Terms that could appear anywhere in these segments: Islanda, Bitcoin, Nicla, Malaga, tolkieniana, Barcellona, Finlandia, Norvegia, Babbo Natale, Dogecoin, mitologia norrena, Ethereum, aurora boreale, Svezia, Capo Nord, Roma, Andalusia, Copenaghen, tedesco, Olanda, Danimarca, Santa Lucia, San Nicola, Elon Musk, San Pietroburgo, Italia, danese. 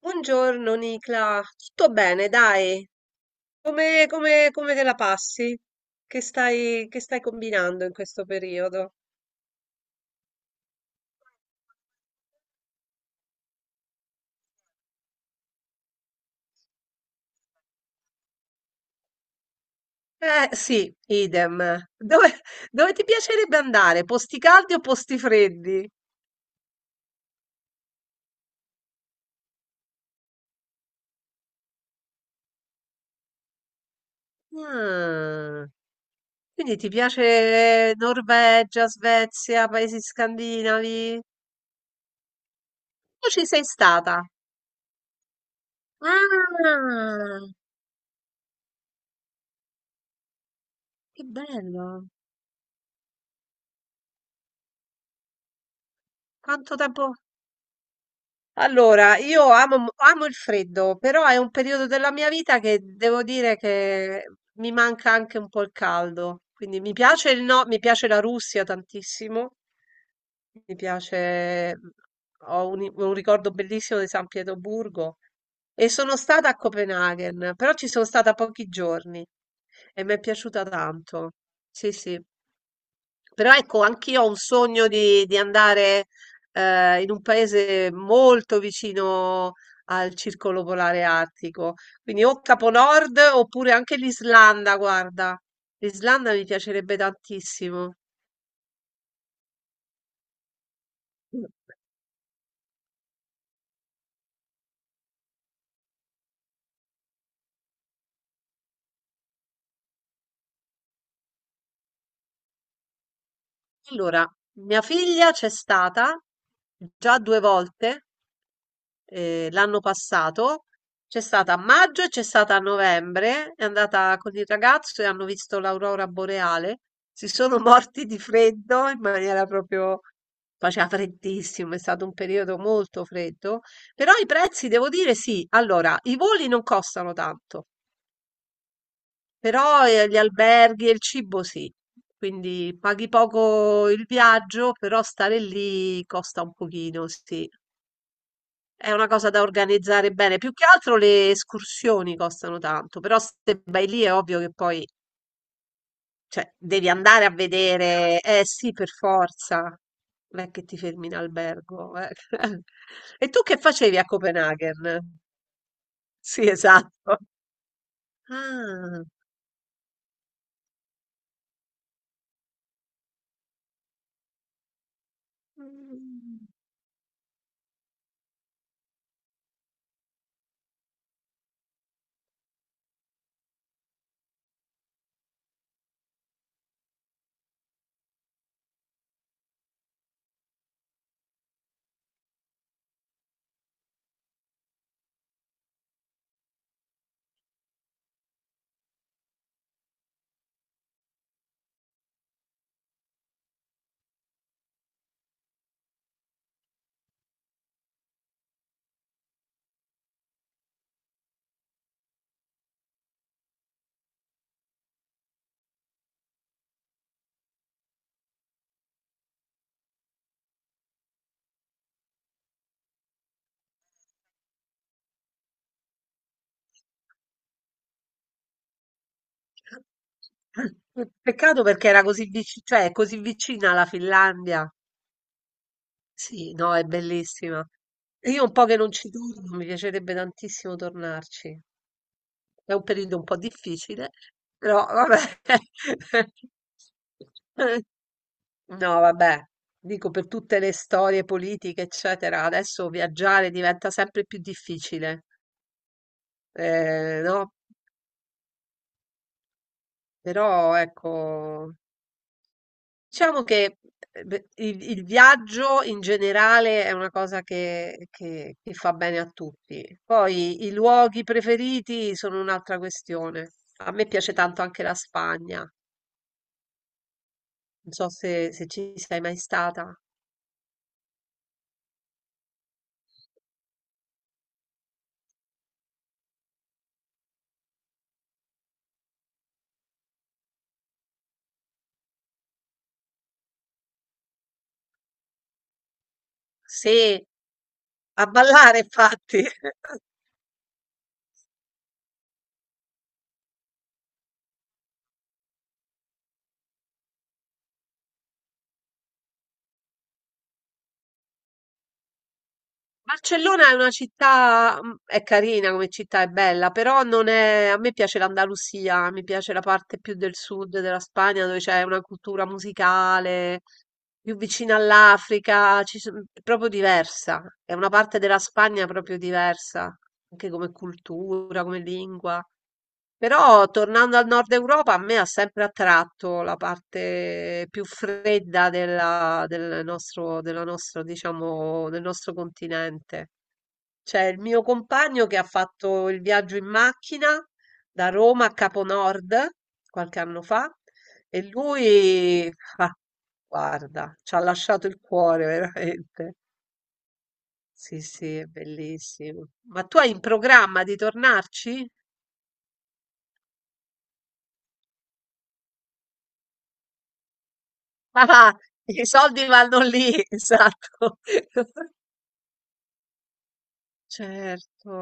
Buongiorno Nicla, tutto bene, dai. Come te la passi? Che stai combinando in questo periodo? Eh sì, idem. Dove, dove ti piacerebbe andare? Posti caldi o posti freddi? Mm. Quindi ti piace Norvegia, Svezia, paesi scandinavi? Tu ci sei stata? Ah, che bello! Quanto tempo? Allora, io amo il freddo, però è un periodo della mia vita che devo dire che mi manca anche un po' il caldo. Quindi mi piace il no, mi piace la Russia tantissimo, mi piace, ho un ricordo bellissimo di San Pietroburgo e sono stata a Copenaghen, però ci sono stata pochi giorni e mi è piaciuta tanto. Sì, sì. Però ecco, anch'io ho un sogno di andare in un paese molto vicino al circolo polare artico, quindi o Capo Nord oppure anche l'Islanda, guarda. L'Islanda mi piacerebbe tantissimo. Allora, mia figlia c'è stata già due volte l'anno passato, c'è stata a maggio e c'è stata a novembre, è andata con il ragazzo e hanno visto l'aurora boreale, si sono morti di freddo in maniera proprio. Faceva freddissimo, è stato un periodo molto freddo, però i prezzi, devo dire, sì. Allora, i voli non costano tanto, però gli alberghi e il cibo sì. Quindi paghi poco il viaggio, però stare lì costa un pochino, sì. È una cosa da organizzare bene. Più che altro le escursioni costano tanto, però se vai lì è ovvio che poi, cioè, devi andare a vedere. Eh sì, per forza. Non è che ti fermi in albergo, eh. E tu che facevi a Copenaghen? Sì, esatto. Ah. Mm. Peccato perché era così vicina, cioè, è così vicina alla Finlandia. Sì, no, è bellissima. Io un po' che non ci torno, mi piacerebbe tantissimo tornarci. È un periodo un po' difficile, però vabbè. No, vabbè, dico per tutte le storie politiche, eccetera, adesso viaggiare diventa sempre più difficile, no? Però ecco, diciamo che beh, il viaggio in generale è una cosa che fa bene a tutti. Poi i luoghi preferiti sono un'altra questione. A me piace tanto anche la Spagna. Non so se, se ci sei mai stata. Se a ballare, infatti. Barcellona è una città, mm, è carina come città, è bella, però non è, a me piace l'Andalusia, mi piace la parte più del sud della Spagna dove c'è una cultura musicale più vicina all'Africa, è proprio diversa. È una parte della Spagna proprio diversa, anche come cultura, come lingua. Però tornando al nord Europa, a me ha sempre attratto la parte più fredda della, del nostro, della nostro, diciamo, del nostro continente. C'è il mio compagno che ha fatto il viaggio in macchina da Roma a Capo Nord qualche anno fa e lui, ah, guarda, ci ha lasciato il cuore veramente. Sì, sì, è bellissimo. Ma tu hai in programma di tornarci? Ah, i soldi vanno lì, esatto. Certo,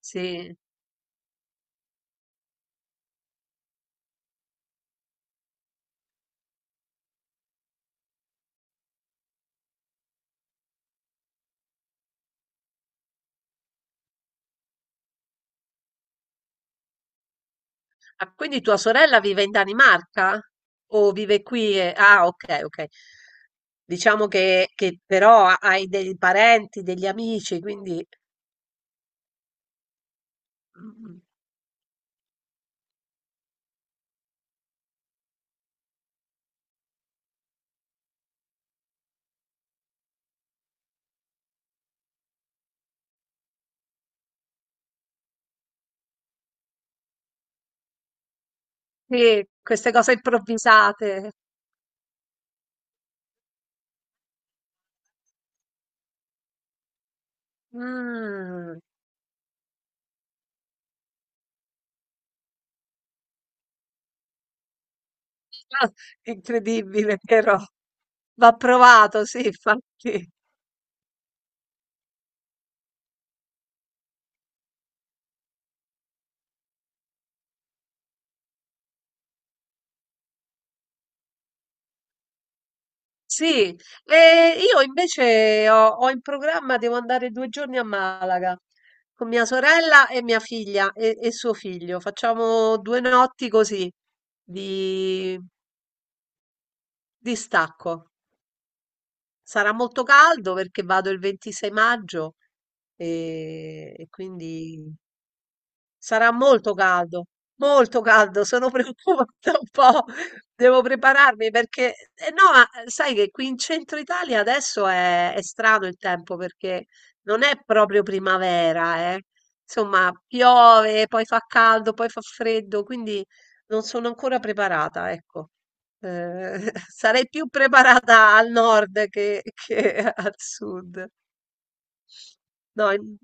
sì. Ah, quindi tua sorella vive in Danimarca? O vive qui? Ah, ok, ok. Diciamo che però hai dei parenti, degli amici, quindi mm, sì, queste cose improvvisate. Mm. Ah, incredibile, però va provato, sì, infatti. Sì, e io invece ho in programma, devo andare due giorni a Malaga con mia sorella e mia figlia e suo figlio. Facciamo due notti così di, di stacco. Sarà molto caldo perché vado il 26 maggio e quindi sarà molto caldo, sono preoccupata un po', devo prepararmi perché, no, ma sai che qui in centro Italia adesso è strano il tempo perché non è proprio primavera, eh. Insomma, piove, poi fa caldo, poi fa freddo, quindi non sono ancora preparata, ecco. Sarei più preparata al nord che al sud. No,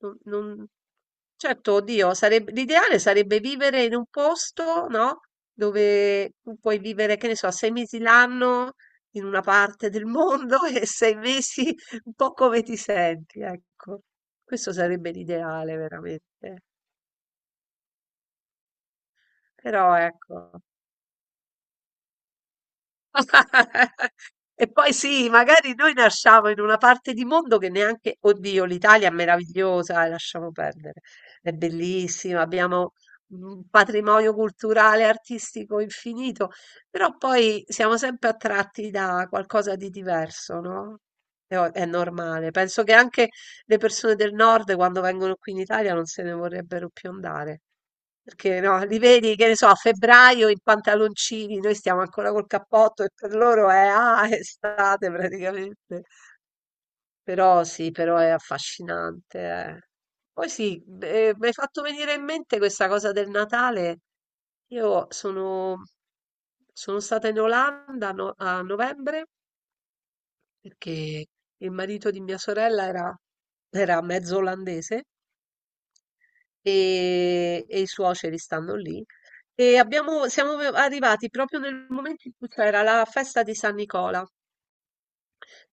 non, non- certo, oddio, l'ideale sarebbe vivere in un posto, no? Dove tu puoi vivere, che ne so, sei mesi l'anno in una parte del mondo e sei mesi un po' come ti senti, ecco. Questo sarebbe l'ideale, veramente. Però, ecco. E poi sì, magari noi nasciamo in una parte di mondo che neanche, oddio, l'Italia è meravigliosa, lasciamo perdere, è bellissima, abbiamo un patrimonio culturale, artistico infinito, però poi siamo sempre attratti da qualcosa di diverso, no? È normale. Penso che anche le persone del nord, quando vengono qui in Italia, non se ne vorrebbero più andare. Perché no, li vedi, che ne so, a febbraio in pantaloncini, noi stiamo ancora col cappotto e per loro è, ah, è estate praticamente. Però sì, però è affascinante, eh. Poi sì, mi hai fatto venire in mente questa cosa del Natale. Io sono stata in Olanda a novembre perché il marito di mia sorella era mezzo olandese e i suoceri stanno lì. E siamo arrivati proprio nel momento in cui c'era la festa di San Nicola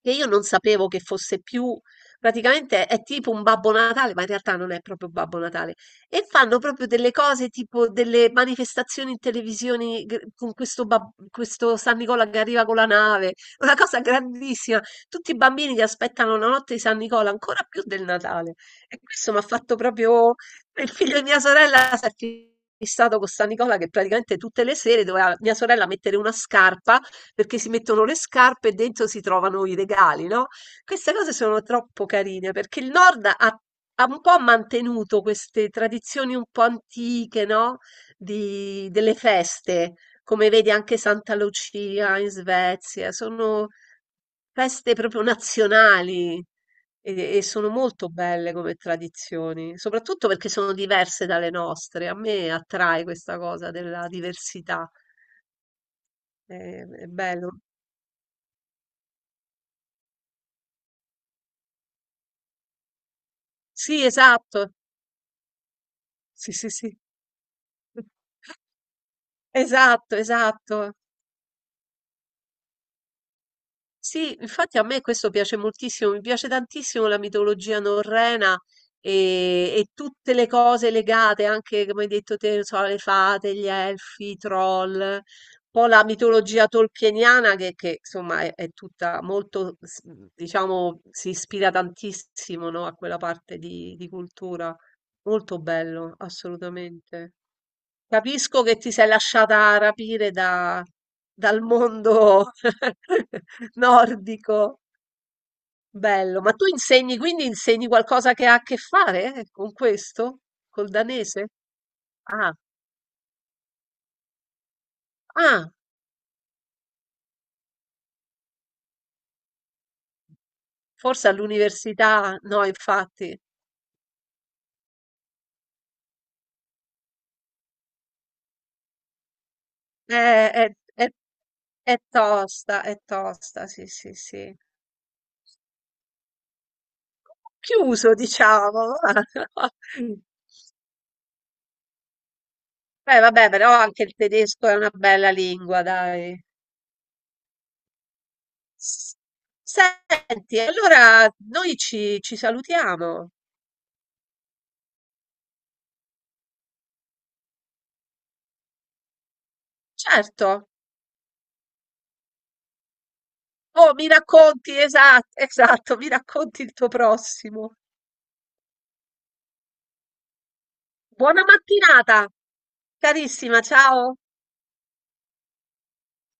che io non sapevo che fosse più, praticamente è tipo un Babbo Natale, ma in realtà non è proprio Babbo Natale. E fanno proprio delle cose tipo delle manifestazioni in televisione con questo, questo San Nicola che arriva con la nave, una cosa grandissima. Tutti i bambini che aspettano la notte di San Nicola, ancora più del Natale. E questo mi ha fatto proprio. Il figlio di mia sorella si è fissato con San Nicola che praticamente tutte le sere doveva mia sorella mettere una scarpa perché si mettono le scarpe e dentro si trovano i regali, no? Queste cose sono troppo carine perché il Nord ha un po' mantenuto queste tradizioni un po' antiche, no? Delle feste, come vedi anche Santa Lucia in Svezia, sono feste proprio nazionali. E sono molto belle come tradizioni, soprattutto perché sono diverse dalle nostre. A me attrae questa cosa della diversità. È, è bello. Sì, esatto. Sì, sì, sì. Esatto, esatto. Sì, infatti a me questo piace moltissimo, mi piace tantissimo la mitologia norrena e tutte le cose legate, anche come hai detto te, non so, le fate, gli elfi, i troll, un po' la mitologia tolkieniana che, insomma è, tutta molto, diciamo, si ispira tantissimo, no, a quella parte di cultura. Molto bello, assolutamente. Capisco che ti sei lasciata rapire dal mondo nordico. Bello, ma tu insegni, quindi insegni qualcosa che ha a che fare, con questo? Col danese? Ah, ah, forse all'università, no, infatti. Eh, È, è- è tosta, è tosta, sì, sì, sì. Chiuso, diciamo. Beh, vabbè, però anche il tedesco è una bella lingua, dai. S- Senti, allora noi ci salutiamo, certo. Oh, mi racconti, esatto, esatto, mi racconti il tuo prossimo. Buona mattinata, carissima, ciao.